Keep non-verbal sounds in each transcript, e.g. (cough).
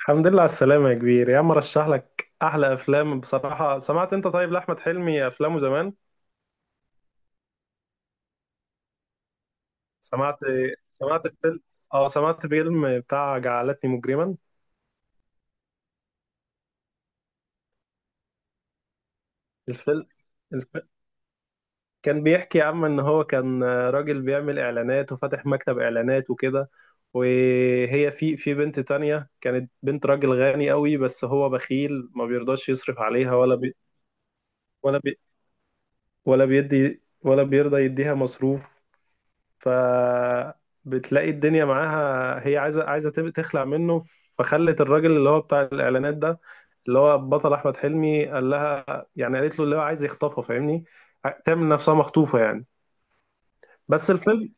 الحمد لله على السلامة يا كبير، يا عم رشح لك أحلى أفلام بصراحة. سمعت أنت طيب لأحمد حلمي أفلامه زمان؟ سمعت سمعت فيلم، أه سمعت فيلم بتاع جعلتني مجرما. الفيلم الف... كان بيحكي يا عم إن هو كان راجل بيعمل إعلانات، وفاتح مكتب إعلانات وكده. وهي في بنت تانية كانت بنت راجل غني قوي، بس هو بخيل ما بيرضاش يصرف عليها ولا بي... ولا بيدي، ولا بيرضى يديها مصروف. فبتلاقي الدنيا معاها، هي عايزه تخلع منه. فخلت الراجل اللي هو بتاع الاعلانات ده، اللي هو بطل احمد حلمي، قال لها يعني، قالت له اللي هو عايز يخطفها فاهمني، تعمل نفسها مخطوفه يعني. بس الفيلم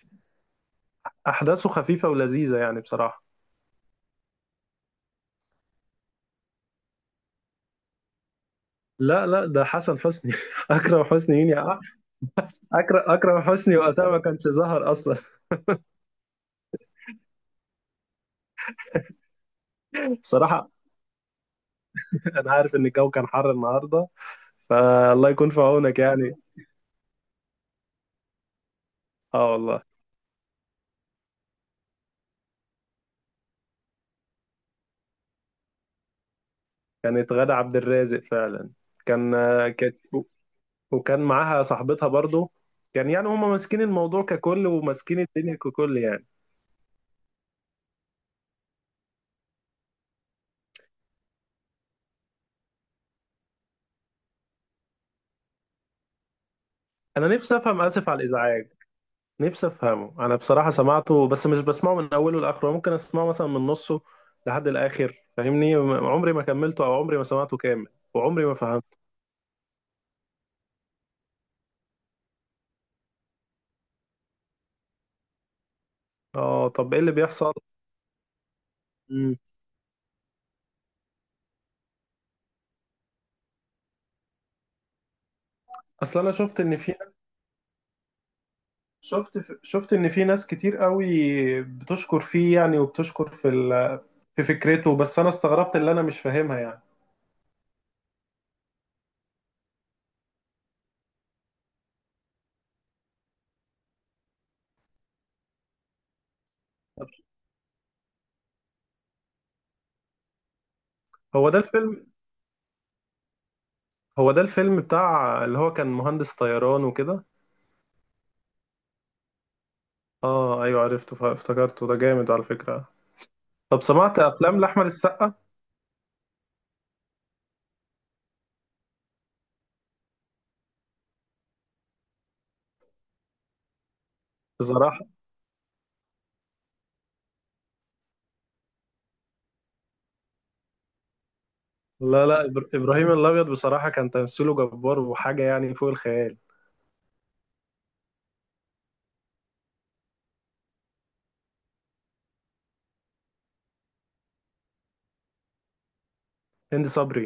احداثه خفيفه ولذيذه يعني بصراحه. لا لا، ده حسن حسني. (laughs) اكرم حسني مين يا عم؟ اكرم حسني وقتها ما كانش ظهر اصلا. (laughs) بصراحه انا عارف ان الجو كان حر النهارده، فالله يكون في عونك يعني. اه والله. كانت غادة عبد الرازق فعلا. كان كانت وكان معاها صاحبتها برضو. كان يعني هما ماسكين الموضوع ككل، وماسكين الدنيا ككل يعني. انا نفسي افهم اسف على الازعاج، نفسي افهمه. انا بصراحة سمعته بس مش بسمعه من اوله لاخره، ممكن اسمعه مثلا من نصه لحد الاخر فاهمني، عمري ما كملته او عمري ما سمعته كامل، وعمري ما فهمته. اه طب ايه اللي بيحصل؟ مم. اصل انا شفت ان في، شفت ان في ناس كتير قوي بتشكر فيه يعني، وبتشكر في فكرته، بس انا استغربت اللي انا مش فاهمها يعني. هو ده الفيلم هو ده الفيلم بتاع اللي هو كان مهندس طيران وكده. اه ايوه عرفته، افتكرته، ده جامد على فكرة. طب سمعت افلام لاحمد السقا؟ بصراحة، لا لا، ابراهيم الابيض بصراحة كان تمثيله جبار وحاجة يعني فوق الخيال. هندي صبري.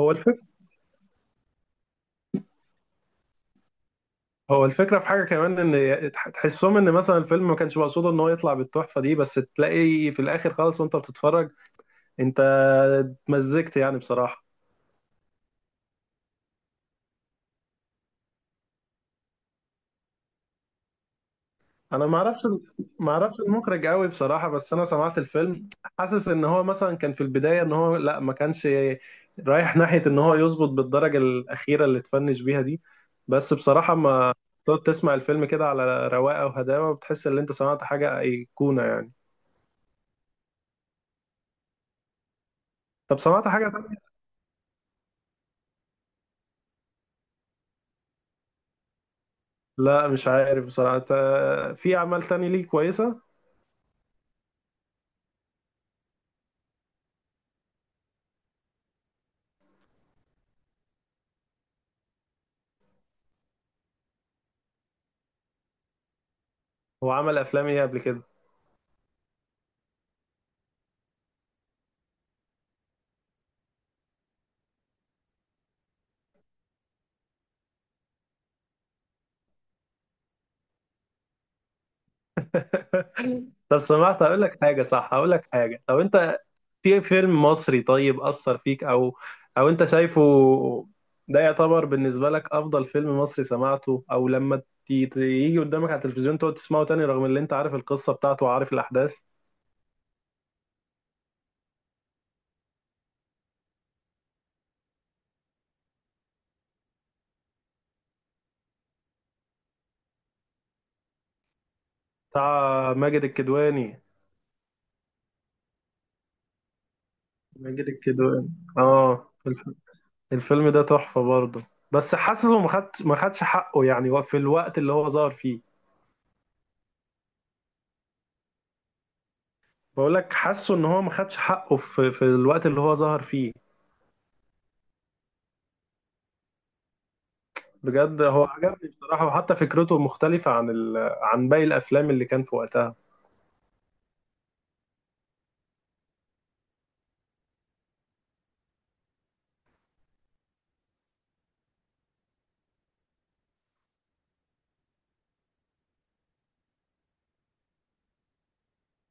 هو الف... هو الفكرة في حاجة كمان، ان تحسهم ان مثلا الفيلم ما كانش مقصود ان هو يطلع بالتحفة دي، بس تلاقي في الاخر خالص وانت بتتفرج انت اتمزجت يعني بصراحة. انا ما اعرفش، ما اعرفش المخرج قوي بصراحة، بس انا سمعت الفيلم حاسس ان هو مثلا كان في البداية ان هو لا، ما كانش رايح ناحية ان هو يظبط بالدرجة الاخيرة اللي اتفنش بيها دي. بس بصراحة ما، تقعد تسمع الفيلم كده على رواقة وهداوة بتحس ان انت سمعت حاجة ايقونة يعني. طب سمعت حاجة، لا مش عارف بصراحة، في أعمال تاني ليه كويسة. هو عمل أفلام إيه قبل كده؟ (laughs) طب أقول لك حاجة صح، أقول لك حاجة، طب أنت في فيلم مصري طيب أثر فيك، أو أنت شايفه ده يعتبر بالنسبة لك أفضل فيلم مصري سمعته، أو لما يجي قدامك على التلفزيون تقعد تسمعه تاني، رغم اللي أنت عارف القصة بتاعته وعارف الأحداث؟ بتاع ماجد الكدواني؟ ماجد الكدواني، آه. الفيلم ده تحفة برضه، بس حاسه ما خدش حقه يعني في الوقت اللي هو ظهر فيه. بقول لك حاسه ان هو ما خدش حقه في الوقت اللي هو ظهر فيه. بجد هو عجبني بصراحة، وحتى فكرته مختلفة عن باقي الافلام اللي كان في وقتها.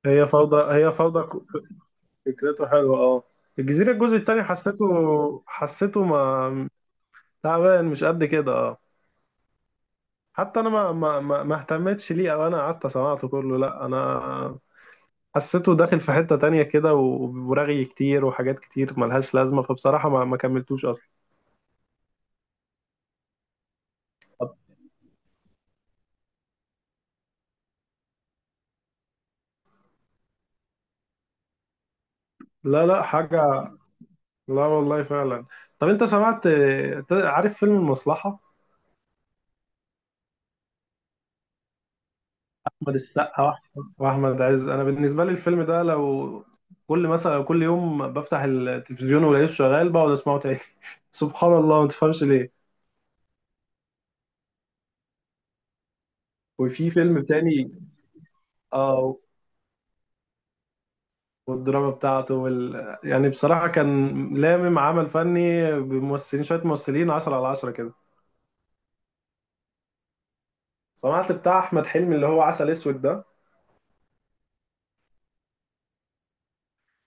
هي فوضى، هي فوضى فكرته حلوة اه. الجزيرة الجزء التاني حسيته ما تعبان مش قد كده اه. حتى انا ما اهتمتش ليه، او انا قعدت سمعته كله. لا انا حسيته داخل في حتة تانية كده، ورغي كتير وحاجات كتير ملهاش لازمة، فبصراحة ما كملتوش أصلا. طب، لا لا حاجة، لا والله فعلا. طب أنت عارف فيلم المصلحة؟ أحمد السقا وأحمد عز، أنا بالنسبة لي الفيلم ده لو كل مثلا كل يوم بفتح التلفزيون ولاقيه شغال بقعد أسمعه تاني. (laughs) سبحان الله، ما تفهمش ليه. وفي فيلم تاني اه، والدراما بتاعته يعني بصراحة كان لامم عمل فني بممثلين، شوية ممثلين 10 على 10 كده. سمعت بتاع أحمد حلمي اللي هو عسل أسود ده؟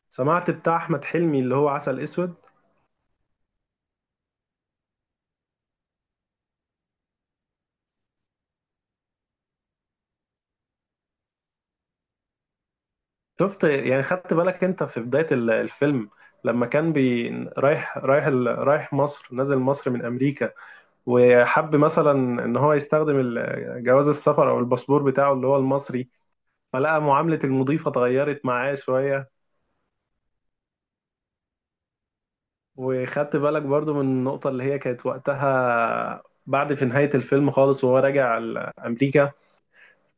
سمعت بتاع أحمد حلمي اللي هو عسل أسود؟ شفت يعني، خدت بالك أنت في بداية الفيلم، لما كان رايح مصر، نازل مصر من أمريكا، وحب مثلا إن هو يستخدم جواز السفر أو الباسبور بتاعه اللي هو المصري، فلقى معاملة المضيفة اتغيرت معاه شوية. وخدت بالك برضو من النقطة اللي هي كانت وقتها، بعد في نهاية الفيلم خالص وهو راجع أمريكا،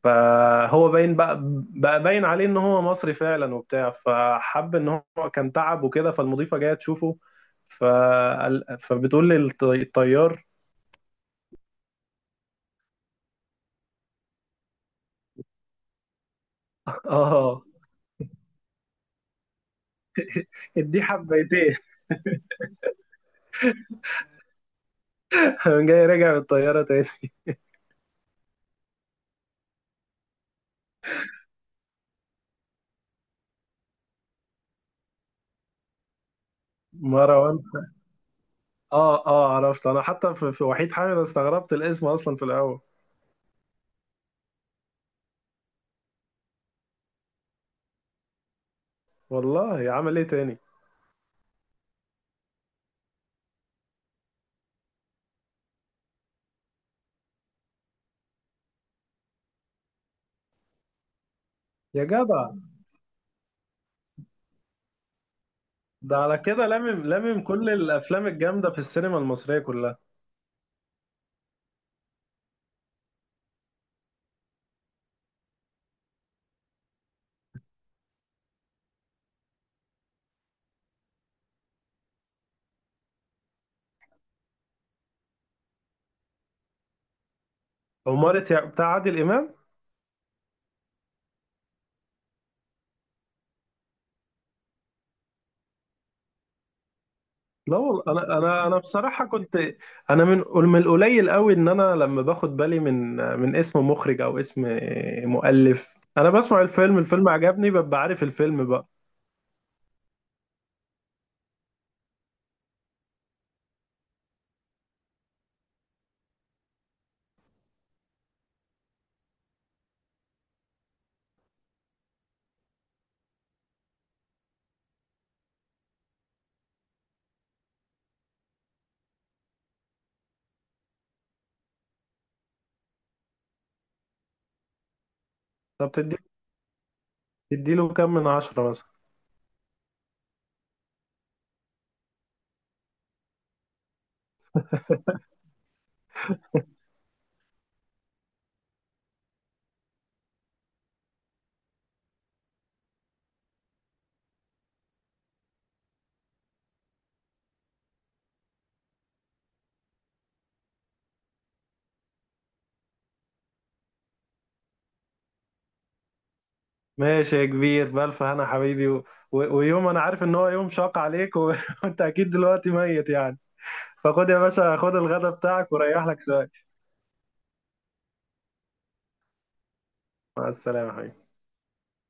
فهو باين بقى، بقى باين عليه إن هو مصري فعلا وبتاع، فحب إن هو كان تعب وكده، فالمضيفة جاية تشوفه، فبتقول للطيار. (laughs) اه ادي حبيتين. (laughs) جاي راجع بالطيارة تاني. مروان، اه عرفت انا، حتى في وحيد حامد استغربت الاسم اصلا في الاول. والله عمل ايه تاني يا جدع؟ ده على كده لامم كل الافلام الجامده في السينما المصريه كلها. عمارة بتاع عادل امام. لا والله، انا بصراحه كنت، انا من القليل قوي ان انا لما باخد بالي من اسم مخرج او اسم مؤلف، انا بسمع الفيلم عجبني ببقى عارف الفيلم بقى. طب تديله كام من عشرة مثلا؟ ماشي يا كبير، بالف هنا حبيبي، ويوم انا عارف ان هو يوم شاق عليك، (laughs) وانت اكيد دلوقتي ميت يعني، فخد يا باشا خد الغدا بتاعك وريح لك شويه. مع السلامه يا حبيبي.